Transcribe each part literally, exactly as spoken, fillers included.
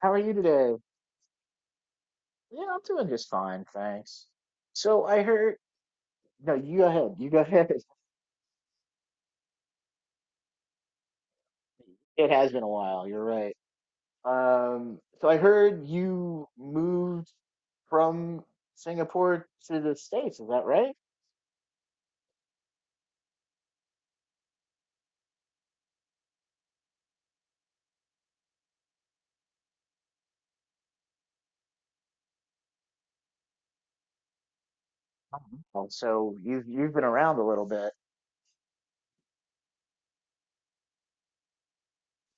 How are you today? Yeah, I'm doing just fine, thanks. So I heard, no, you go ahead. You go ahead. It has been a while. You're right. Um, so I heard you moved from Singapore to the States. Is that right? Mhm. Well, So you've you've been around a little bit.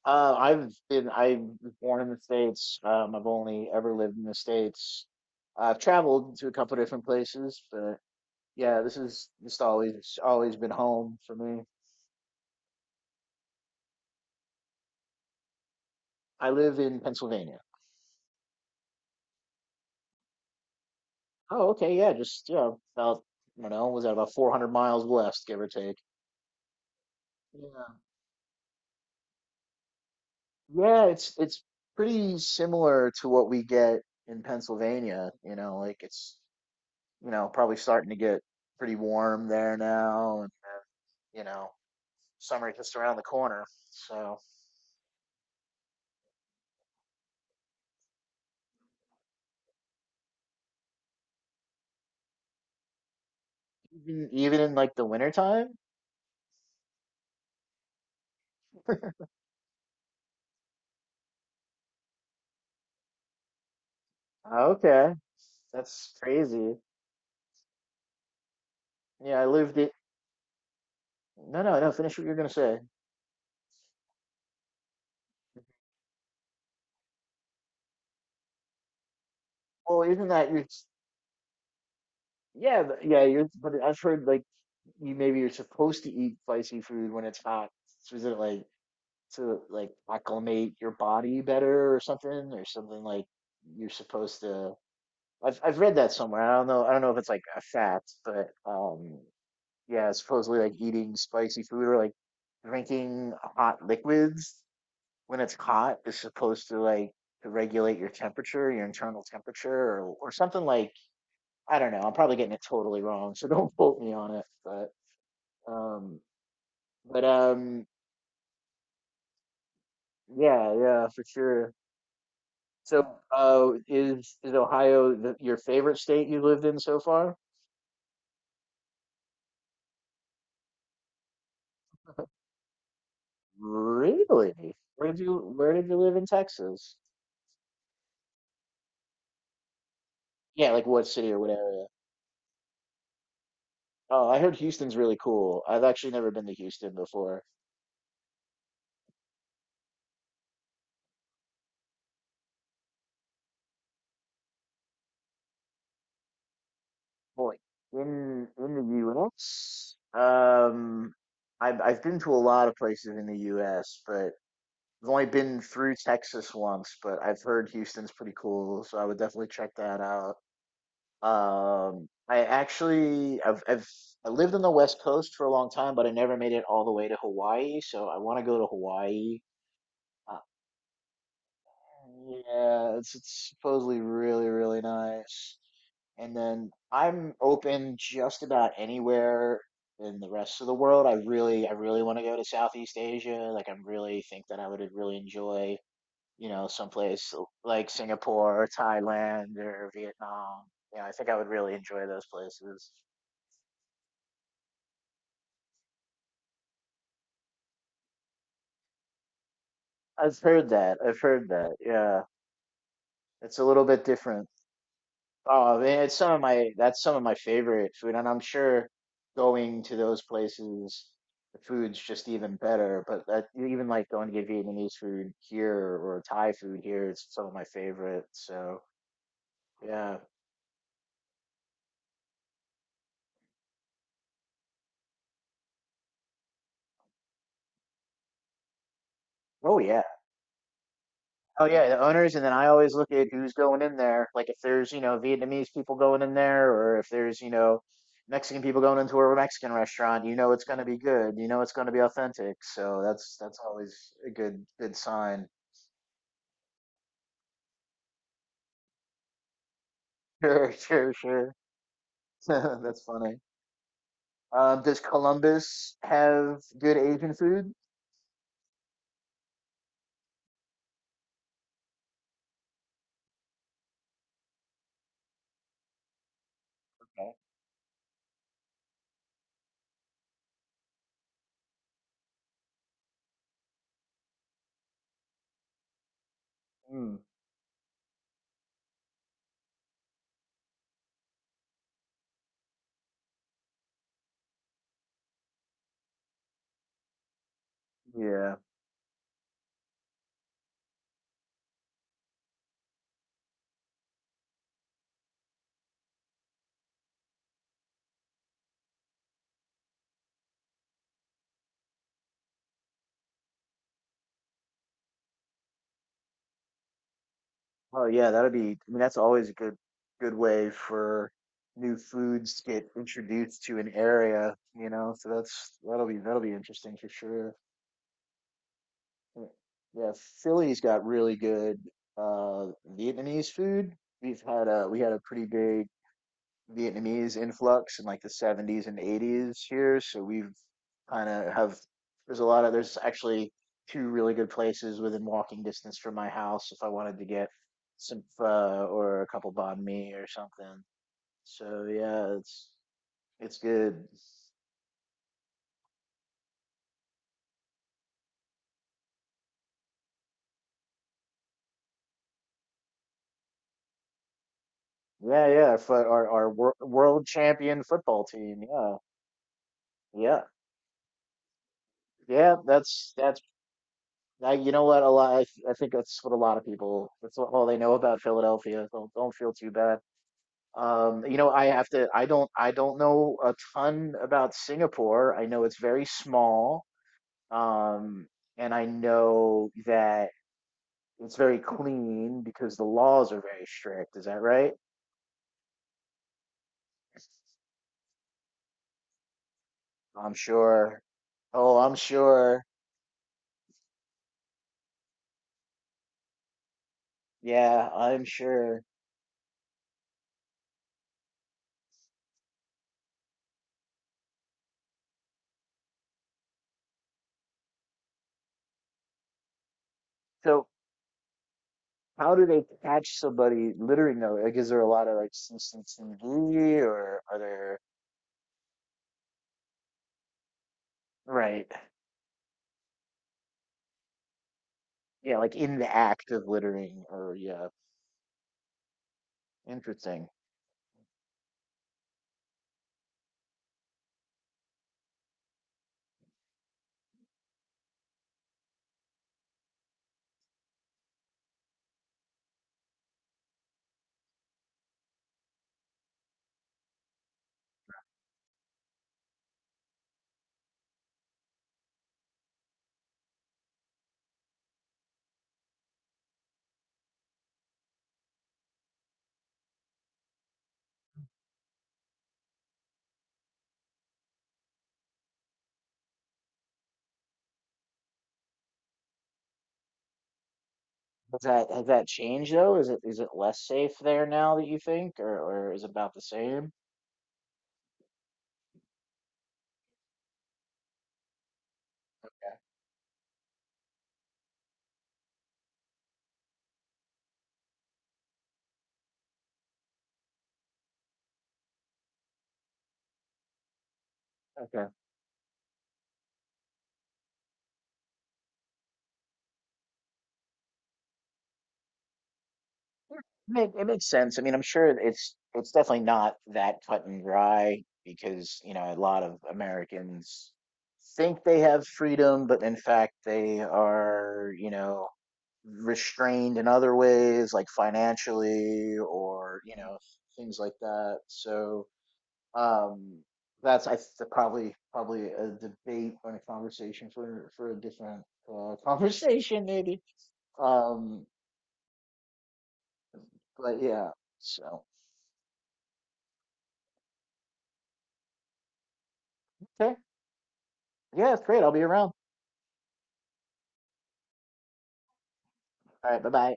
Uh, I've been I was born in the States. Um, I've only ever lived in the States. I've traveled to a couple different places, but yeah, this is just always always been home for me. I live in Pennsylvania. Oh, okay, yeah, just yeah, about I don't know, was that about four hundred miles west, give or take? Yeah. Yeah, it's it's pretty similar to what we get in Pennsylvania, you know, like it's you know, probably starting to get pretty warm there now and uh, you know, summer just around the corner. So even even in like the wintertime? Okay. That's crazy. Yeah, I lived it. No, no, no, finish what you're gonna say. Well, isn't that you? Yeah, th- yeah, you're, but I've heard like you maybe you're supposed to eat spicy food when it's hot. So is it like to like acclimate your body better or something or something like you're supposed to I've I've read that somewhere. I don't know I don't know if it's like a fact, but um yeah, supposedly like eating spicy food or like drinking hot liquids when it's hot is supposed to like to regulate your temperature, your internal temperature or or something like I don't know. I'm probably getting it totally wrong, so don't quote me on it. But um, but um, yeah, yeah, for sure. So, uh, is is Ohio the, your favorite state you lived in so far? Really? Where did you Where did you live in Texas? Yeah, like what city or what area? Oh, I heard Houston's really cool. I've actually never been to Houston before. Boy, in in the U S, um, I've I've been to a lot of places in the U S, but I've only been through Texas once, but I've heard Houston's pretty cool, so I would definitely check that out. Um, I actually I've I've I lived on the West Coast for a long time, but I never made it all the way to Hawaii, so I want to go to Hawaii. Uh, yeah, it's it's supposedly really really nice. And then I'm open just about anywhere in the rest of the world. I really I really want to go to Southeast Asia. Like I'm really think that I would really enjoy you know, someplace l- like Singapore or Thailand or Vietnam. Yeah, I think I would really enjoy those places. I've heard that. I've heard that. Yeah, it's a little bit different. Oh, I mean, it's some of my that's some of my favorite food, and I'm sure going to those places, the food's just even better. But that, even like going to get Vietnamese food here or Thai food here, it's some of my favorite. So yeah. Oh yeah. Oh yeah, the owners, and then I always look at who's going in there. Like if there's, you know, Vietnamese people going in there, or if there's, you know, Mexican people going into a Mexican restaurant, you know it's going to be good. You know it's going to be authentic. So that's that's always a good good sign. Sure, sure, sure. That's funny. Um, does Columbus have good Asian food? Okay. Mm, yeah. Oh yeah, that'd be, I mean, that's always a good good way for new foods to get introduced to an area, you know. So that's that'll be that'll be interesting for sure. Yeah, yeah, Philly's got really good uh Vietnamese food. We've had a we had a pretty big Vietnamese influx in like the seventies and eighties here. So we've kind of have there's a lot of there's actually two really good places within walking distance from my house if I wanted to get some pho or a couple banh mi or something. So yeah, it's it's good. Yeah, yeah, for our our wor world champion football team. Yeah, yeah, yeah. That's that's I, you know what a lot. I, I think that's what a lot of people. That's all they know about Philadelphia. Don't don't feel too bad. Um, you know, I have to, I don't, I don't know a ton about Singapore. I know it's very small, um, and I know that it's very clean because the laws are very strict. Is that right? I'm sure. Oh, I'm sure. Yeah, I'm sure. So, how do they catch somebody littering though? Like, is there a lot of like C C T V or are there, right? Yeah, like in the act of littering or yeah, interesting. Has that has that changed though? Is it is it less safe there now that you think, or or is it about the same? Okay. Yeah, It, make- it makes sense. I mean, I'm sure it's it's definitely not that cut and dry because, you know, a lot of Americans think they have freedom, but in fact they are, you know, restrained in other ways, like financially or, you know, things like that. So, um, that's I th- probably probably a debate or a conversation for for a different uh, conversation maybe. Um, but yeah, so okay, yeah, it's great. I'll be around. All right, bye bye.